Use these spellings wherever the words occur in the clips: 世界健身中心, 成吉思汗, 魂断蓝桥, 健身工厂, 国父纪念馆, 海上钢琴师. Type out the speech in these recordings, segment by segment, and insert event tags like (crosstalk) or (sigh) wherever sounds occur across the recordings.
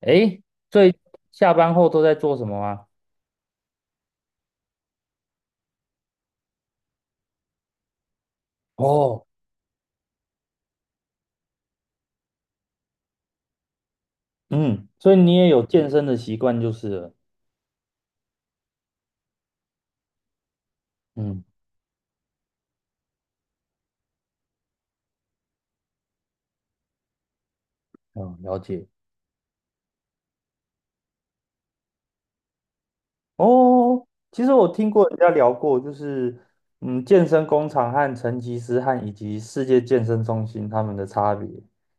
诶，最下班后都在做什么啊？哦，嗯，所以你也有健身的习惯就是了。嗯，哦，了解。哦，其实我听过人家聊过，就是健身工厂和成吉思汗以及世界健身中心他们的差别。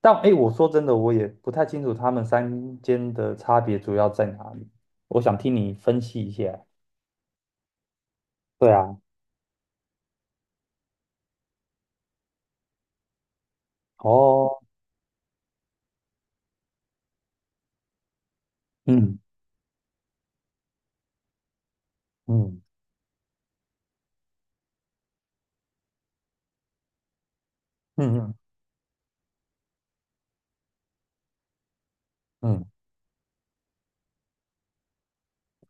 但诶，我说真的，我也不太清楚他们三间的差别主要在哪里。我想听你分析一下。对啊，哦，嗯嗯嗯嗯嗯，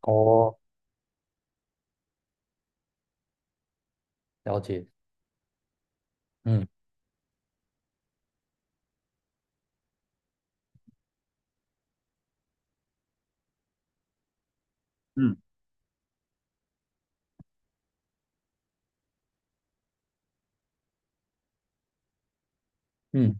哦，了解。嗯。嗯嗯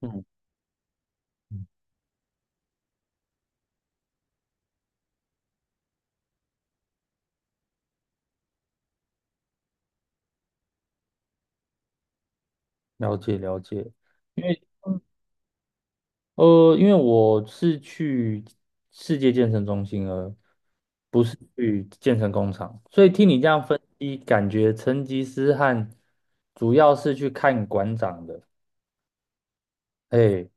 嗯，嗯了解了解，因为因为我是去世界健身中心而不是去健身工厂，所以听你这样分析，感觉成吉思汗主要是去看馆长的，哎，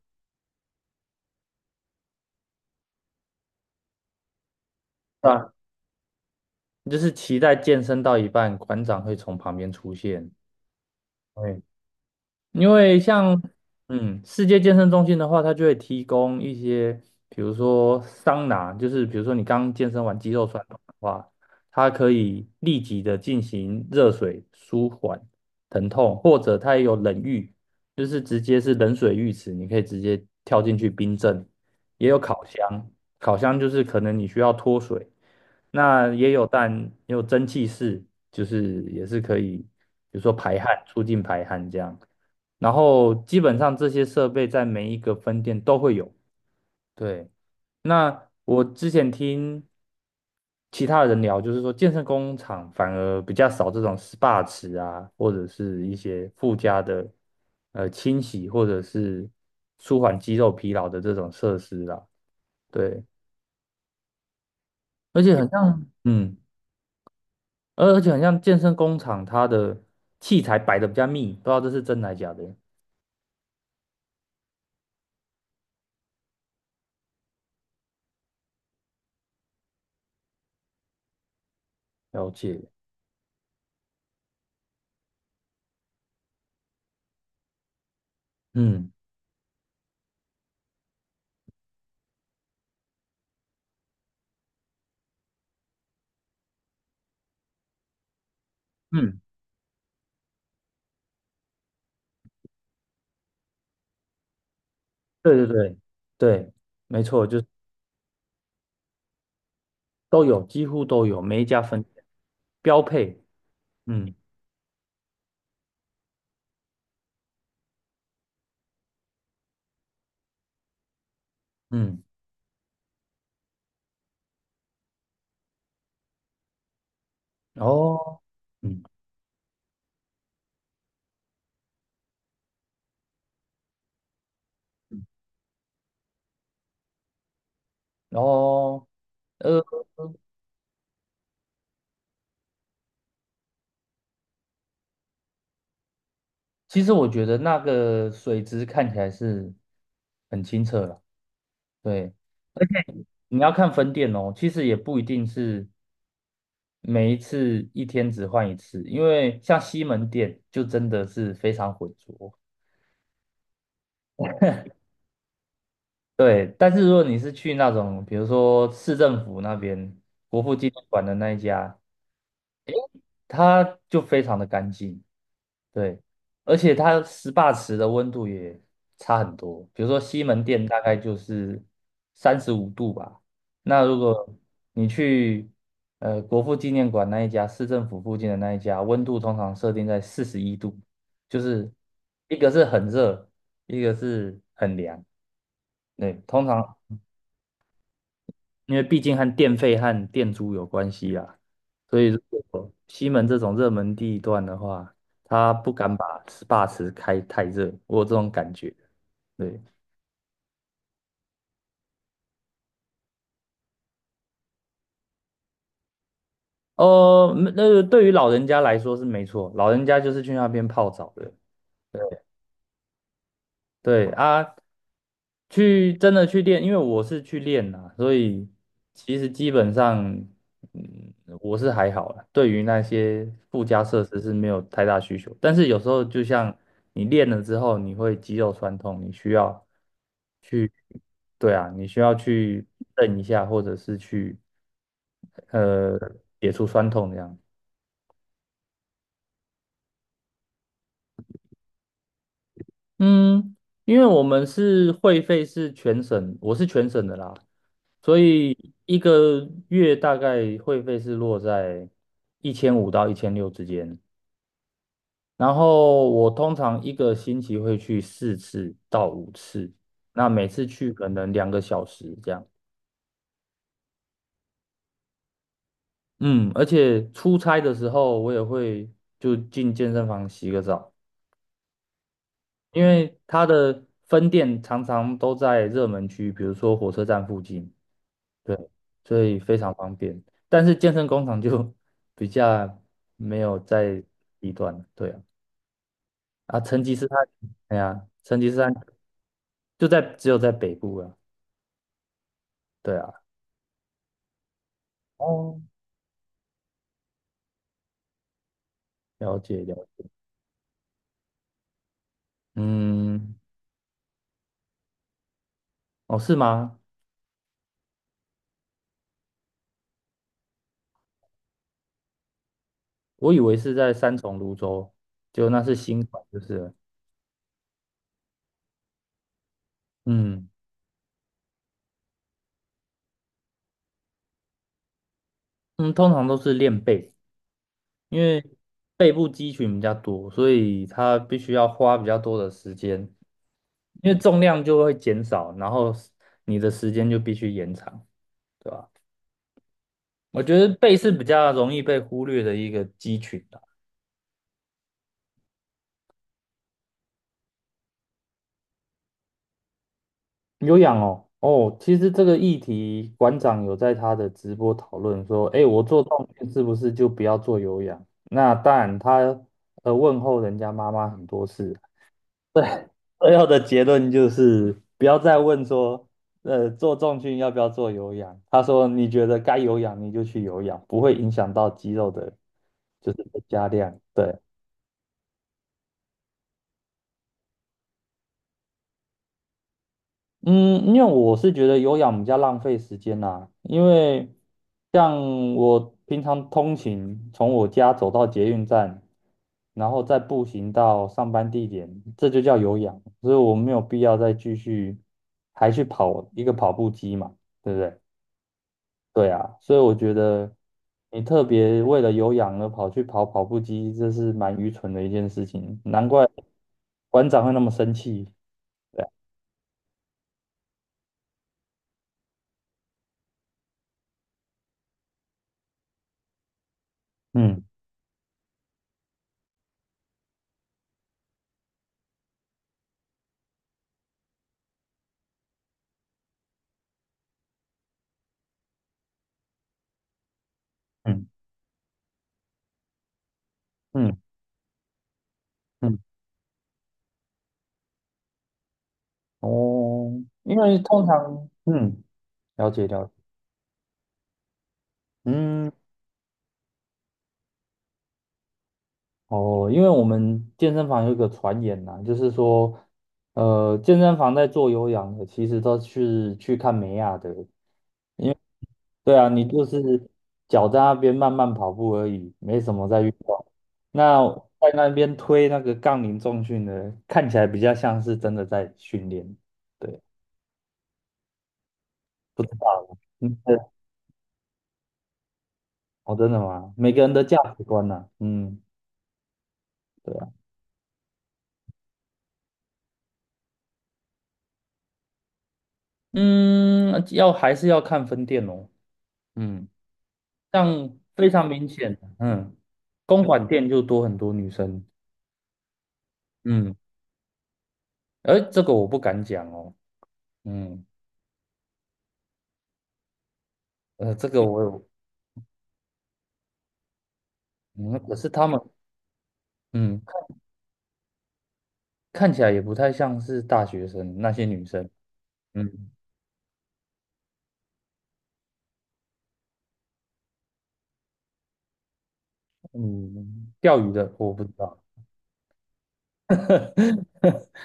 啊，就是期待健身到一半，馆长会从旁边出现，哎，因为像世界健身中心的话，它就会提供一些，比如说桑拿，就是比如说你刚健身完肌肉酸痛的话，它可以立即的进行热水舒缓疼痛，或者它也有冷浴，就是直接是冷水浴池，你可以直接跳进去冰镇，也有烤箱，烤箱就是可能你需要脱水，那也有但也有蒸汽室，就是也是可以，比如说排汗，促进排汗这样。然后基本上这些设备在每一个分店都会有。对，那我之前听其他人聊，就是说健身工厂反而比较少这种 SPA 池啊，或者是一些附加的清洗或者是舒缓肌肉疲劳的这种设施啦。对，而且很像，嗯，而且很像健身工厂，它的器材摆的比较密，不知道这是真的还假的。了解，嗯嗯。对对对对，没错，就是都有，几乎都有，每一家分店标配。嗯嗯，哦，嗯哦，呃，其实我觉得那个水质看起来是很清澈了。对，你要看分店哦，其实也不一定是每一次一天只换一次，因为像西门店就真的是非常浑浊。对，但是如果你是去那种，比如说市政府那边国父纪念馆的那一家，它就非常的干净，对，而且它 SPA 池的温度也差很多。比如说西门店大概就是35度吧，那如果你去国父纪念馆那一家，市政府附近的那一家，温度通常设定在41度，就是一个是很热，一个是很凉，对，通常因为毕竟和电费和电租有关系啊，所以如果西门这种热门地段的话，他不敢把 SPA 池开太热，我有这种感觉。对，哦，那对于老人家来说是没错，老人家就是去那边泡澡的。对啊，去真的去练，因为我是去练啦，所以其实基本上，嗯，我是还好啦，对于那些附加设施是没有太大需求。但是有时候就像你练了之后，你会肌肉酸痛，你需要去，对啊，你需要去蹬一下，或者是去呃解除酸痛这样。嗯，因为我们是会费是全省，我是全省的啦，所以一个月大概会费是落在1500到1600之间。然后我通常一个星期会去四次到五次，那每次去可能2个小时这样。嗯，而且出差的时候我也会就进健身房洗个澡，因为它的分店常常都在热门区，比如说火车站附近。对，所以非常方便。但是健身工厂就 (laughs) 比较没有在低端了，对啊，啊，成吉思汗，哎呀，成吉思汗就在只有在北部啊，对啊，哦，了解了解，嗯，哦，是吗？我以为是在三重、泸州，就那是新款，就是了嗯嗯，通常都是练背。因为背部肌群比较多，所以它必须要花比较多的时间，因为重量就会减少，然后你的时间就必须延长，对吧？我觉得背是比较容易被忽略的一个肌群的。有氧哦，哦，其实这个议题馆长有在他的直播讨论说，哎，我做重训是不是就不要做有氧？那当然他问候人家妈妈很多次，(laughs) 最后的结论就是不要再问说，做重训要不要做有氧？他说你觉得该有氧你就去有氧，不会影响到肌肉的，就是的加量。对，嗯，因为我是觉得有氧比较浪费时间啦，因为像我平常通勤，从我家走到捷运站，然后再步行到上班地点，这就叫有氧，所以我没有必要再继续还去跑一个跑步机嘛，对不对？对啊，所以我觉得你特别为了有氧而跑去跑跑步机，这是蛮愚蠢的一件事情，难怪馆长会那么生气。对啊嗯嗯嗯嗯，哦，因为通常，嗯，了解了解，嗯，哦，因为我们健身房有一个传言呐、就是说，健身房在做有氧的，其实都是去看美亚的。因为。对啊，你就是脚在那边慢慢跑步而已，没什么在运动。那在那边推那个杠铃重训的，看起来比较像是真的在训练。对，不知道啊，嗯，对哦，真的吗？每个人的价值观呐、嗯，对啊，嗯，要还是要看分店哦，嗯，像非常明显，嗯，公馆店就多很多女生，嗯，而这个我不敢讲哦，嗯，这个我有，嗯，可是他们。嗯。看起来也不太像是大学生那些女生。嗯嗯，钓鱼的我不知道。(laughs)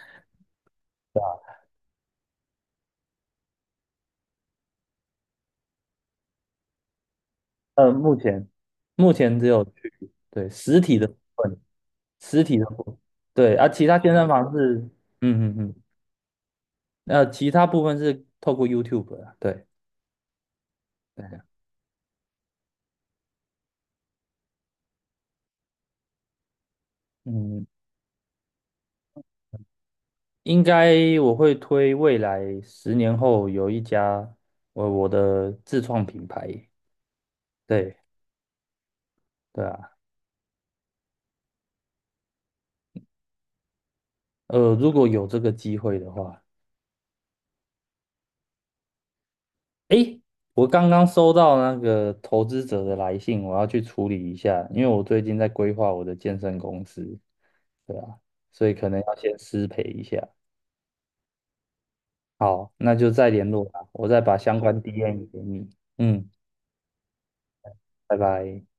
呃，目前目前只有去对实体的部分，实体的部分对啊，其他健身房是嗯嗯嗯，其他部分是透过 YouTube 啊，对对啊，嗯，应该我会推未来10年后有一家我的自创品牌，对对啊，如果有这个机会的话。诶，我刚刚收到那个投资者的来信，我要去处理一下，因为我最近在规划我的健身公司，对啊，所以可能要先失陪一下。好，那就再联络吧，我再把相关 DM 给你。嗯，拜拜。